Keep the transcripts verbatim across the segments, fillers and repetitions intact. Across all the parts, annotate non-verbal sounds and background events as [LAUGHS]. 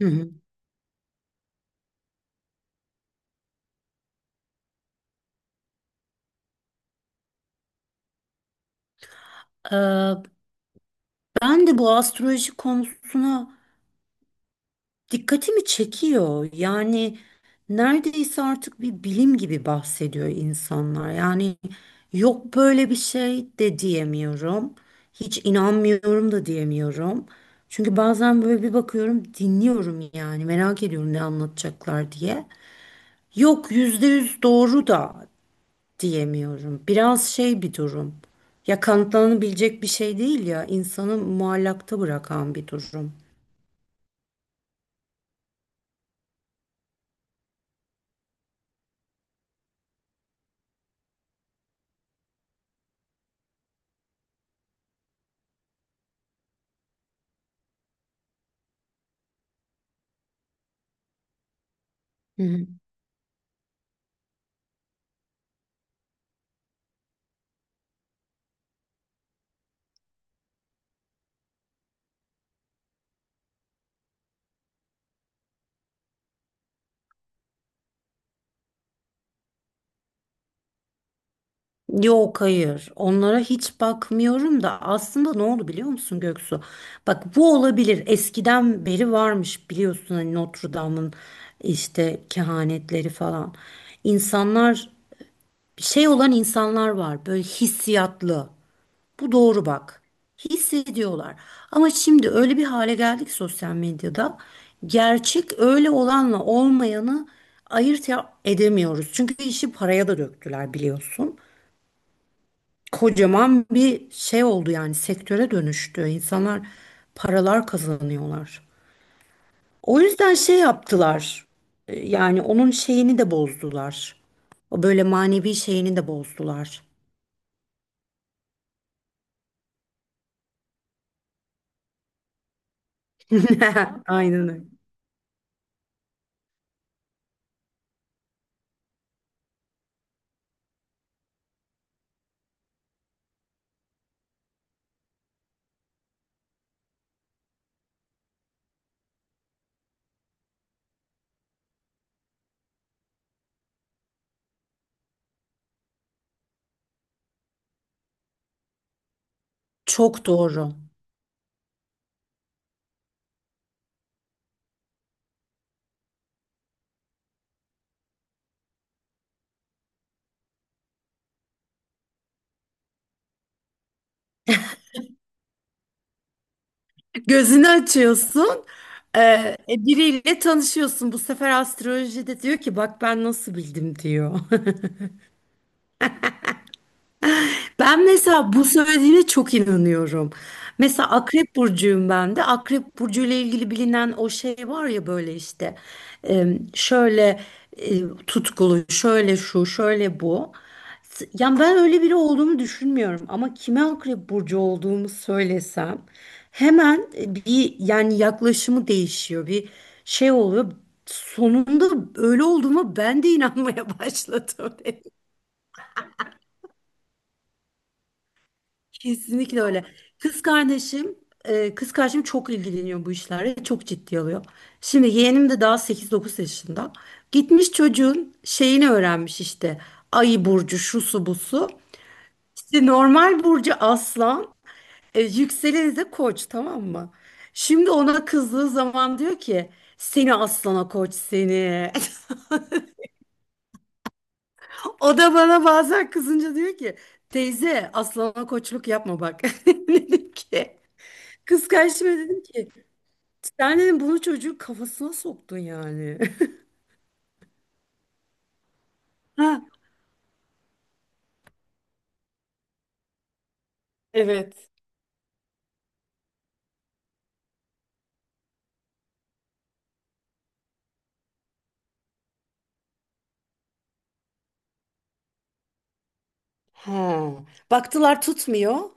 Hı hı. Ee, Ben de bu astroloji konusuna dikkatimi çekiyor. Yani neredeyse artık bir bilim gibi bahsediyor insanlar. Yani yok böyle bir şey de diyemiyorum. Hiç inanmıyorum da diyemiyorum. Çünkü bazen böyle bir bakıyorum, dinliyorum yani merak ediyorum ne anlatacaklar diye. Yok yüzde yüz doğru da diyemiyorum. Biraz şey bir durum. Ya kanıtlanabilecek bir şey değil ya, insanı muallakta bırakan bir durum. Hı hı. Yok hayır onlara hiç bakmıyorum da aslında ne oldu biliyor musun Göksu? Bak bu olabilir eskiden beri varmış biliyorsun hani Notre Dame'ın işte kehanetleri falan. İnsanlar şey olan insanlar var böyle hissiyatlı. Bu doğru bak. Hissediyorlar. Ama şimdi öyle bir hale geldik sosyal medyada. Gerçek öyle olanla olmayanı ayırt ya- edemiyoruz. Çünkü işi paraya da döktüler biliyorsun. Kocaman bir şey oldu yani sektöre dönüştü. İnsanlar paralar kazanıyorlar. O yüzden şey yaptılar. E, Yani onun şeyini de bozdular. O böyle manevi şeyini de bozdular. [LAUGHS] Aynen öyle. Çok doğru. Gözünü açıyorsun. E, e, biriyle tanışıyorsun. Bu sefer astrolojide diyor ki bak ben nasıl bildim diyor. Ben mesela bu söylediğine çok inanıyorum. Mesela Akrep Burcu'yum ben de. Akrep Burcu ile ilgili bilinen o şey var ya böyle işte e, şöyle e, tutkulu, şöyle şu, şöyle bu. S- Yani ben öyle biri olduğumu düşünmüyorum ama kime Akrep Burcu olduğumu söylesem hemen e, bir yani yaklaşımı değişiyor. Bir şey oluyor. Sonunda öyle olduğuma ben de inanmaya [LAUGHS] başladım. Kesinlikle öyle. Kız kardeşim, e, kız kardeşim çok ilgileniyor bu işlerle. Çok ciddi alıyor. Şimdi yeğenim de daha sekiz dokuz yaşında. Gitmiş çocuğun şeyini öğrenmiş işte. Ayı burcu, şusu busu. İşte normal burcu aslan, e, yükseleni de koç tamam mı? Şimdi ona kızdığı zaman diyor ki seni aslana koç seni. [LAUGHS] O da bana bazen kızınca diyor ki teyze aslana koçluk yapma bak. [LAUGHS] Dedim ki kız kardeşime dedim ki sen bunu çocuğun kafasına soktun yani. [LAUGHS] Ha, evet. Ha. Baktılar tutmuyor.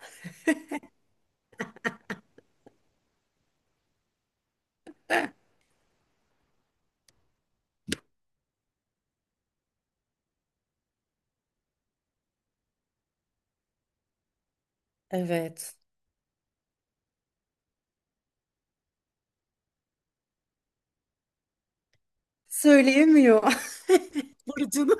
Evet. Söyleyemiyor. [LAUGHS] Burcunu.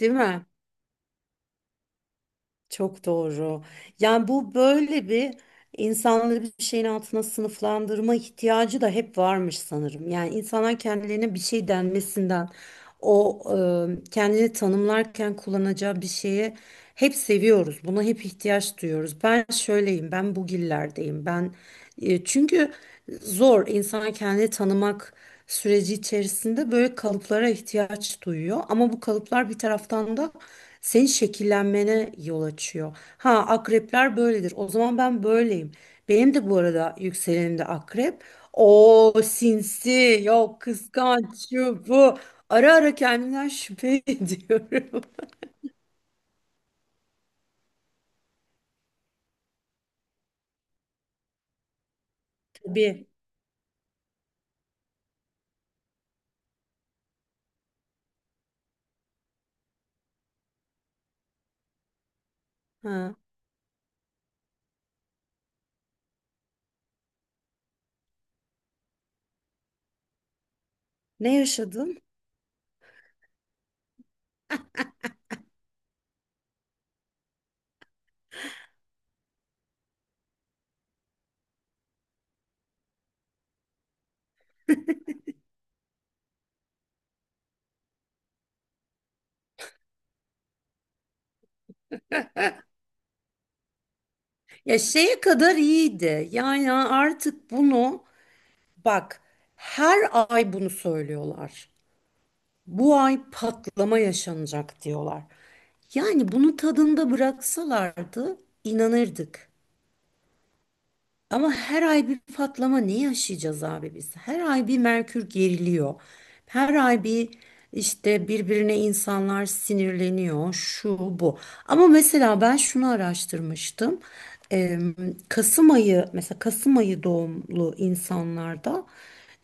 Değil mi? Çok doğru. Yani bu böyle bir insanları bir şeyin altına sınıflandırma ihtiyacı da hep varmış sanırım. Yani insanlar kendilerine bir şey denmesinden o e, kendini tanımlarken kullanacağı bir şeye hep seviyoruz. Buna hep ihtiyaç duyuyoruz. Ben şöyleyim, ben bugillerdeyim. Ben e, çünkü zor insan kendini tanımak süreci içerisinde böyle kalıplara ihtiyaç duyuyor. Ama bu kalıplar bir taraftan da senin şekillenmene yol açıyor. Ha akrepler böyledir. O zaman ben böyleyim. Benim de bu arada yükselenim de akrep. O sinsi, yok kıskanç, şu bu. Ara ara kendimden şüphe [LAUGHS] ediyorum. Tabii. Ha. Ne yaşadın? Ya şeye kadar iyiydi. Yani artık bunu bak her ay bunu söylüyorlar. Bu ay patlama yaşanacak diyorlar. Yani bunu tadında bıraksalardı inanırdık. Ama her ay bir patlama ne yaşayacağız abi biz? Her ay bir Merkür geriliyor. Her ay bir işte birbirine insanlar sinirleniyor. Şu bu. Ama mesela ben şunu araştırmıştım. Eee, Kasım ayı mesela Kasım ayı doğumlu insanlarda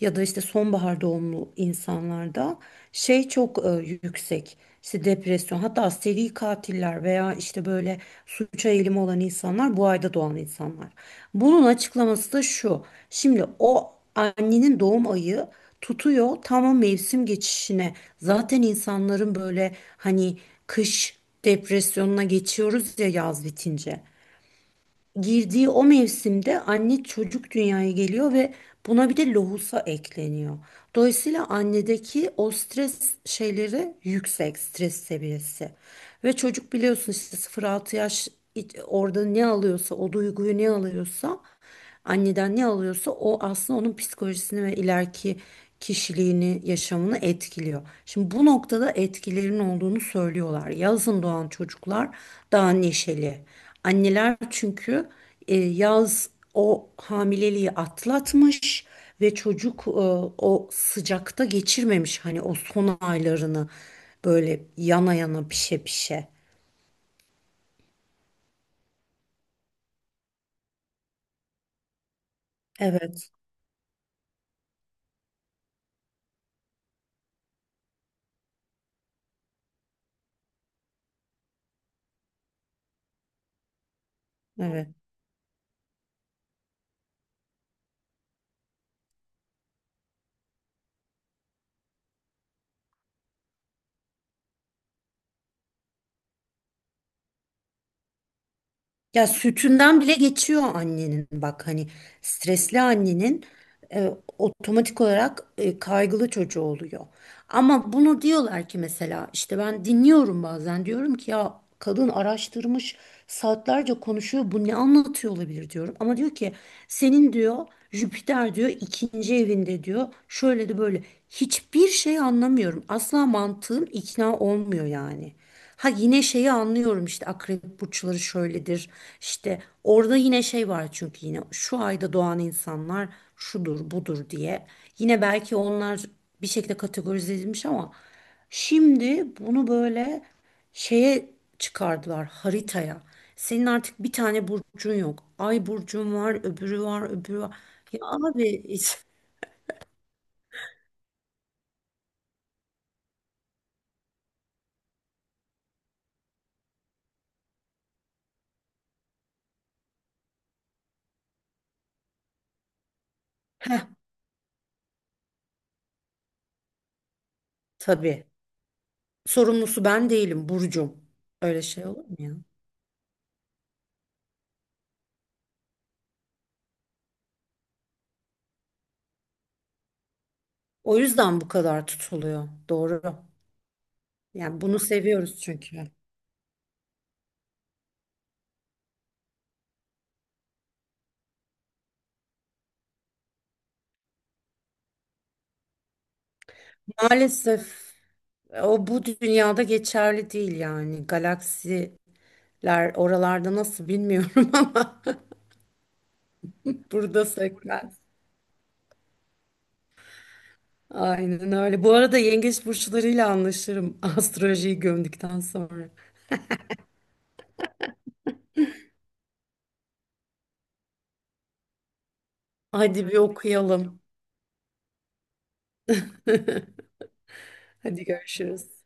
ya da işte sonbahar doğumlu insanlarda şey çok e, yüksek. İşte depresyon hatta seri katiller veya işte böyle suça eğilimi olan insanlar bu ayda doğan insanlar. Bunun açıklaması da şu. Şimdi o annenin doğum ayı tutuyor tam o mevsim geçişine. Zaten insanların böyle hani kış depresyonuna geçiyoruz ya yaz bitince. Girdiği o mevsimde anne çocuk dünyaya geliyor ve buna bir de lohusa ekleniyor. Dolayısıyla annedeki o stres şeyleri yüksek stres seviyesi. Ve çocuk biliyorsun işte sıfır altı yaş iç- orada ne alıyorsa o duyguyu ne alıyorsa anneden ne alıyorsa o aslında onun psikolojisini ve ileriki kişiliğini, yaşamını etkiliyor. Şimdi bu noktada etkilerin olduğunu söylüyorlar. Yazın doğan çocuklar daha neşeli. Anneler çünkü e, yaz o hamileliği atlatmış ve çocuk e, o sıcakta geçirmemiş hani o son aylarını böyle yana yana pişe pişe. Evet, evet. Ya sütünden bile geçiyor annenin bak hani stresli annenin e, otomatik olarak e, kaygılı çocuğu oluyor. Ama bunu diyorlar ki mesela işte ben dinliyorum bazen diyorum ki ya kadın araştırmış saatlerce konuşuyor bu ne anlatıyor olabilir diyorum. Ama diyor ki senin diyor Jüpiter diyor ikinci evinde diyor şöyle de böyle hiçbir şey anlamıyorum asla mantığım ikna olmuyor yani. Ha yine şeyi anlıyorum işte akrep burçları şöyledir. İşte orada yine şey var çünkü yine şu ayda doğan insanlar şudur budur diye. Yine belki onlar bir şekilde kategorize edilmiş ama şimdi bunu böyle şeye çıkardılar haritaya. Senin artık bir tane burcun yok. Ay burcun var, öbürü var, öbürü var. Ya abi hiç- tabii sorumlusu ben değilim burcum. Öyle şey olur mu ya? O yüzden bu kadar tutuluyor. Doğru. Yani bunu seviyoruz çünkü. Maalesef e, o bu dünyada geçerli değil yani. Galaksiler oralarda nasıl bilmiyorum [LAUGHS] ama burada sekmez. Aynen öyle. Bu arada yengeç burçlarıyla anlaşırım [LAUGHS] astrolojiyi gömdükten sonra. Hadi bir okuyalım. Hadi görüşürüz.